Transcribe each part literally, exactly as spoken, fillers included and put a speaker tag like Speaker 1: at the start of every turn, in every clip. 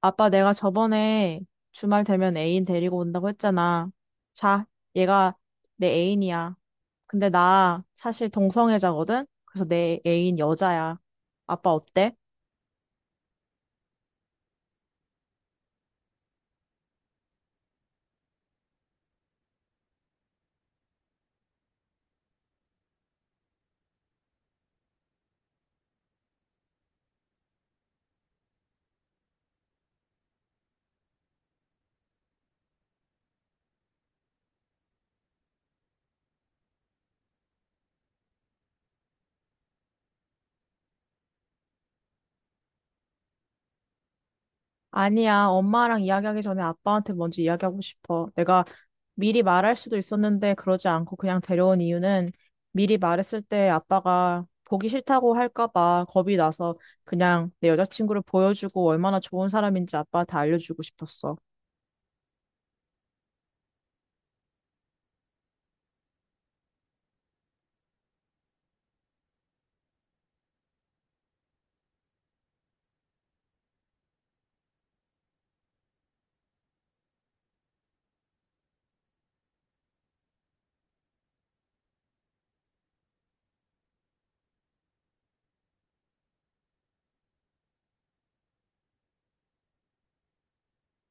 Speaker 1: 아빠, 내가 저번에 주말 되면 애인 데리고 온다고 했잖아. 자, 얘가 내 애인이야. 근데 나 사실 동성애자거든? 그래서 내 애인 여자야. 아빠 어때? 아니야, 엄마랑 이야기하기 전에 아빠한테 먼저 이야기하고 싶어. 내가 미리 말할 수도 있었는데 그러지 않고 그냥 데려온 이유는 미리 말했을 때 아빠가 보기 싫다고 할까 봐 겁이 나서 그냥 내 여자친구를 보여주고 얼마나 좋은 사람인지 아빠한테 알려주고 싶었어.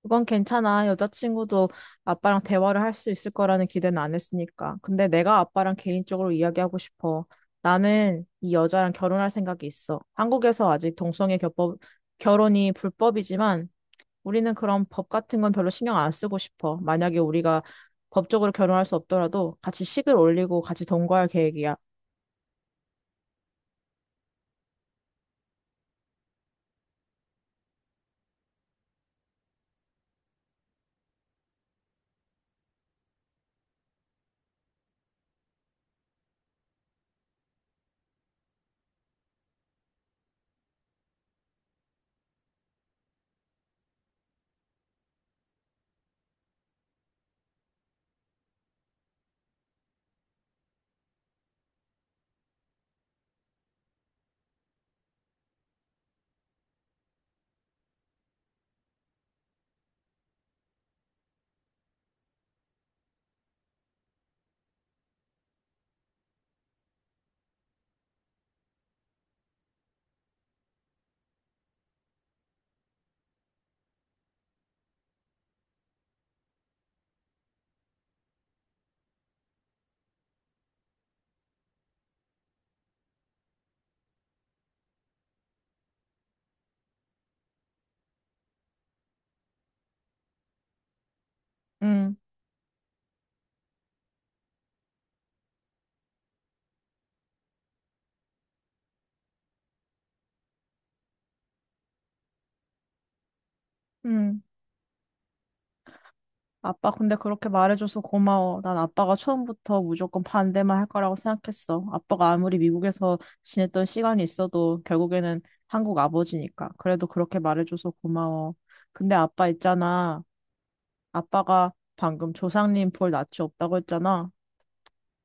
Speaker 1: 그건 괜찮아. 여자친구도 아빠랑 대화를 할 수 있을 거라는 기대는 안 했으니까. 근데 내가 아빠랑 개인적으로 이야기하고 싶어. 나는 이 여자랑 결혼할 생각이 있어. 한국에서 아직 동성애 겹법, 결혼이 불법이지만 우리는 그런 법 같은 건 별로 신경 안 쓰고 싶어. 만약에 우리가 법적으로 결혼할 수 없더라도 같이 식을 올리고 같이 동거할 계획이야. 응, 응. 아빠, 근데 그렇게 말해줘서 고마워. 난 아빠가 처음부터 무조건 반대만 할 거라고 생각했어. 아빠가 아무리 미국에서 지냈던 시간이 있어도 결국에는 한국 아버지니까. 그래도 그렇게 말해줘서 고마워. 근데 아빠 있잖아. 아빠가 방금 조상님 볼 낯이 없다고 했잖아.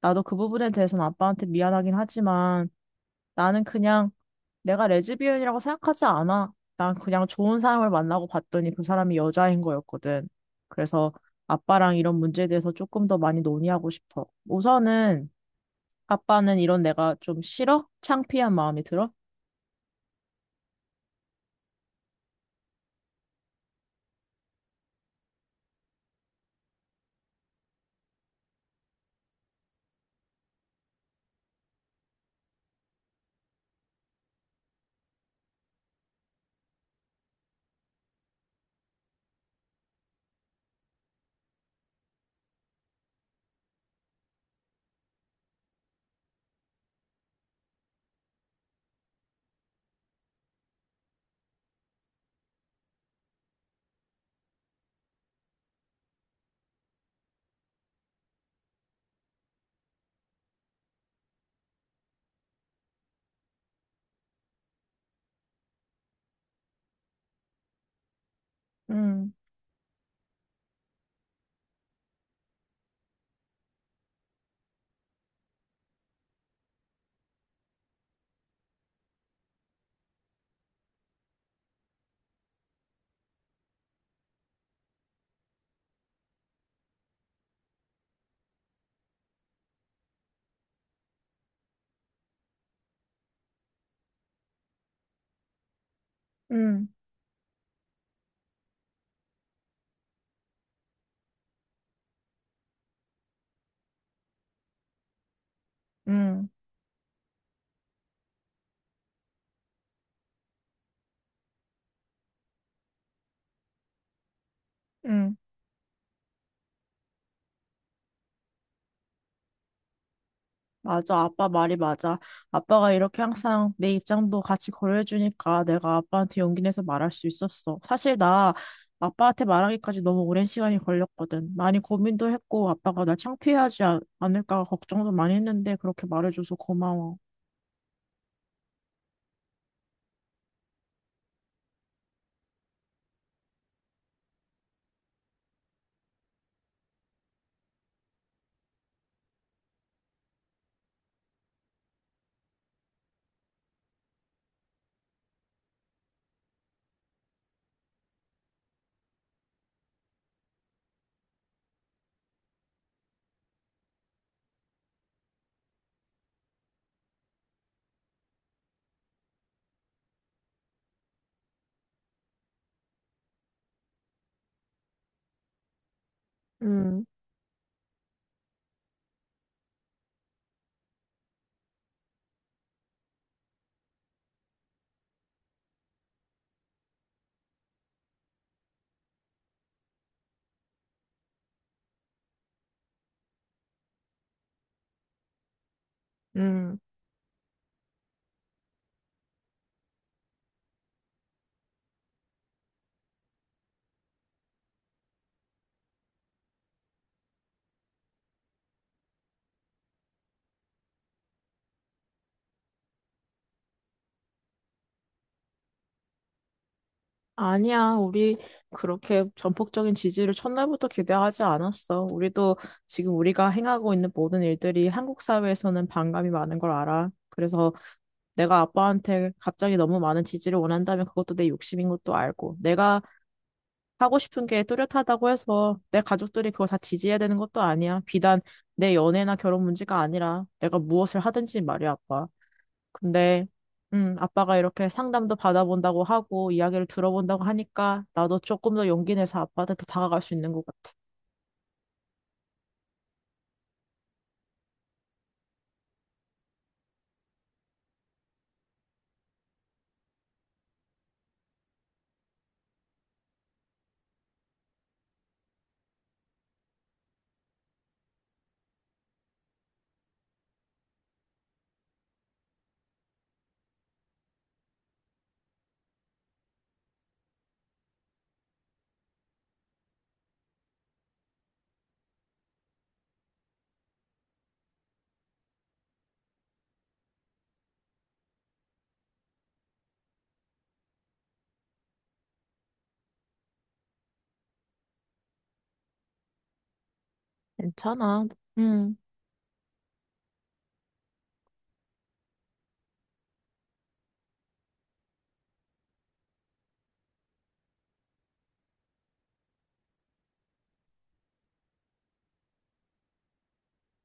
Speaker 1: 나도 그 부분에 대해서는 아빠한테 미안하긴 하지만 나는 그냥 내가 레즈비언이라고 생각하지 않아. 난 그냥 좋은 사람을 만나고 봤더니 그 사람이 여자인 거였거든. 그래서 아빠랑 이런 문제에 대해서 조금 더 많이 논의하고 싶어. 우선은 아빠는 이런 내가 좀 싫어? 창피한 마음이 들어? 음, 음, 음, 음. 맞아, 아빠 말이 맞아. 아빠가 이렇게 항상 내 입장도 같이 고려해주니까 내가 아빠한테 용기 내서 말할 수 있었어. 사실 나 아빠한테 말하기까지 너무 오랜 시간이 걸렸거든. 많이 고민도 했고 아빠가 날 창피해하지 않- 않을까 걱정도 많이 했는데 그렇게 말해줘서 고마워. 음, 음. 아니야, 우리 그렇게 전폭적인 지지를 첫날부터 기대하지 않았어. 우리도 지금 우리가 행하고 있는 모든 일들이 한국 사회에서는 반감이 많은 걸 알아. 그래서 내가 아빠한테 갑자기 너무 많은 지지를 원한다면 그것도 내 욕심인 것도 알고, 내가 하고 싶은 게 뚜렷하다고 해서 내 가족들이 그걸 다 지지해야 되는 것도 아니야. 비단 내 연애나 결혼 문제가 아니라 내가 무엇을 하든지 말이야, 아빠. 근데, 음, 아빠가 이렇게 상담도 받아본다고 하고 이야기를 들어본다고 하니까 나도 조금 더 용기 내서 아빠한테 더 다가갈 수 있는 것 같아. 괜찮아. 음,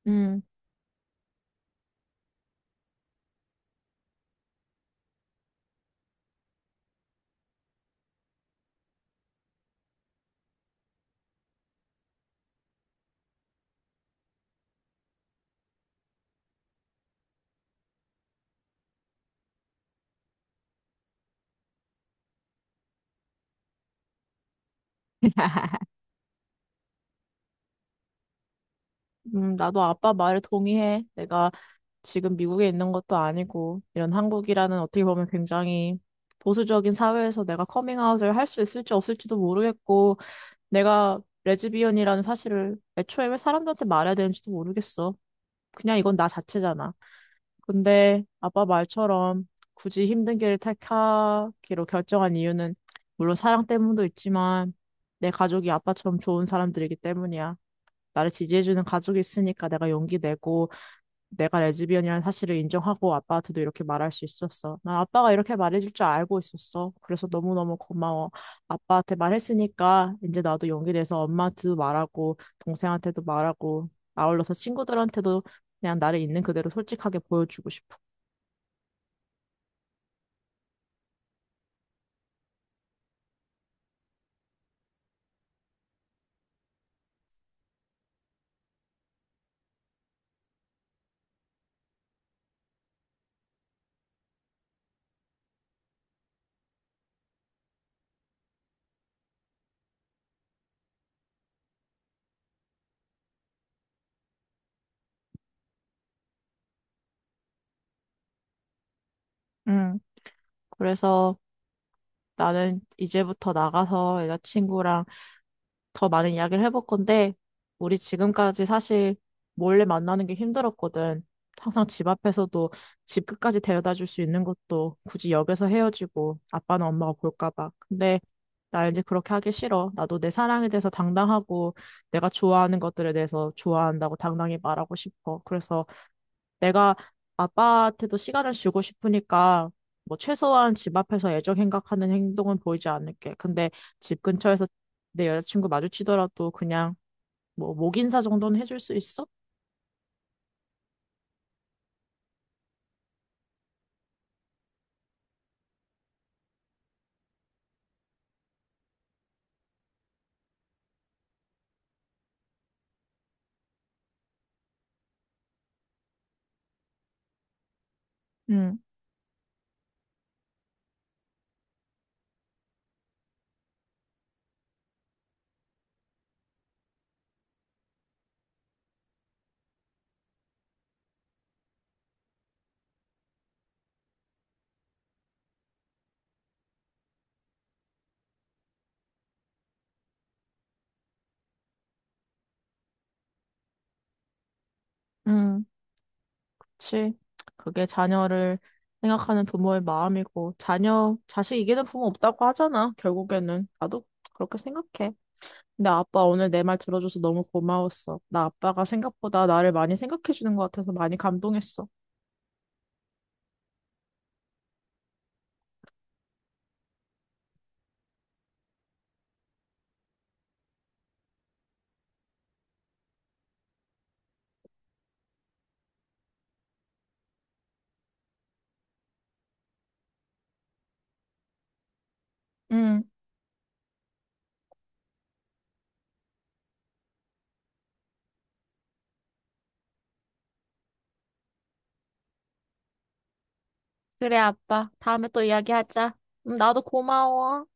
Speaker 1: 음, 음, 나도 아빠 말에 동의해. 내가 지금 미국에 있는 것도 아니고 이런 한국이라는 어떻게 보면 굉장히 보수적인 사회에서 내가 커밍아웃을 할 수 있을지 없을지도 모르겠고 내가 레즈비언이라는 사실을 애초에 왜 사람들한테 말해야 되는지도 모르겠어. 그냥 이건 나 자체잖아. 근데 아빠 말처럼 굳이 힘든 길을 택하기로 결정한 이유는 물론 사랑 때문도 있지만 내 가족이 아빠처럼 좋은 사람들이기 때문이야. 나를 지지해주는 가족이 있으니까 내가 용기 내고 내가 레즈비언이라는 사실을 인정하고 아빠한테도 이렇게 말할 수 있었어. 난 아빠가 이렇게 말해줄 줄 알고 있었어. 그래서 너무너무 고마워. 아빠한테 말했으니까 이제 나도 용기내서 엄마한테도 말하고 동생한테도 말하고 아울러서 친구들한테도 그냥 나를 있는 그대로 솔직하게 보여주고 싶어. 음, 그래서 나는 이제부터 나가서 여자친구랑 더 많은 이야기를 해볼 건데, 우리 지금까지 사실 몰래 만나는 게 힘들었거든. 항상 집 앞에서도 집 끝까지 데려다 줄 수 있는 것도 굳이 역에서 헤어지고 아빠는 엄마가 볼까 봐. 근데 나 이제 그렇게 하기 싫어. 나도 내 사랑에 대해서 당당하고 내가 좋아하는 것들에 대해서 좋아한다고 당당히 말하고 싶어. 그래서 내가 아빠한테도 시간을 주고 싶으니까 뭐 최소한 집 앞에서 애정 행각하는 행동은 보이지 않을게. 근데 집 근처에서 내 여자친구 마주치더라도 그냥 뭐 목 인사 정도는 해줄 수 있어? 응, 응. 그치. 그게 자녀를 생각하는 부모의 마음이고, 자녀, 자식 이기는 부모 없다고 하잖아, 결국에는. 나도 그렇게 생각해. 근데 아빠 오늘 내 말 들어줘서 너무 고마웠어. 나 아빠가 생각보다 나를 많이 생각해주는 것 같아서 많이 감동했어. 응, 그래, 아빠. 다음에 또 이야기하자. 응, 나도 고마워.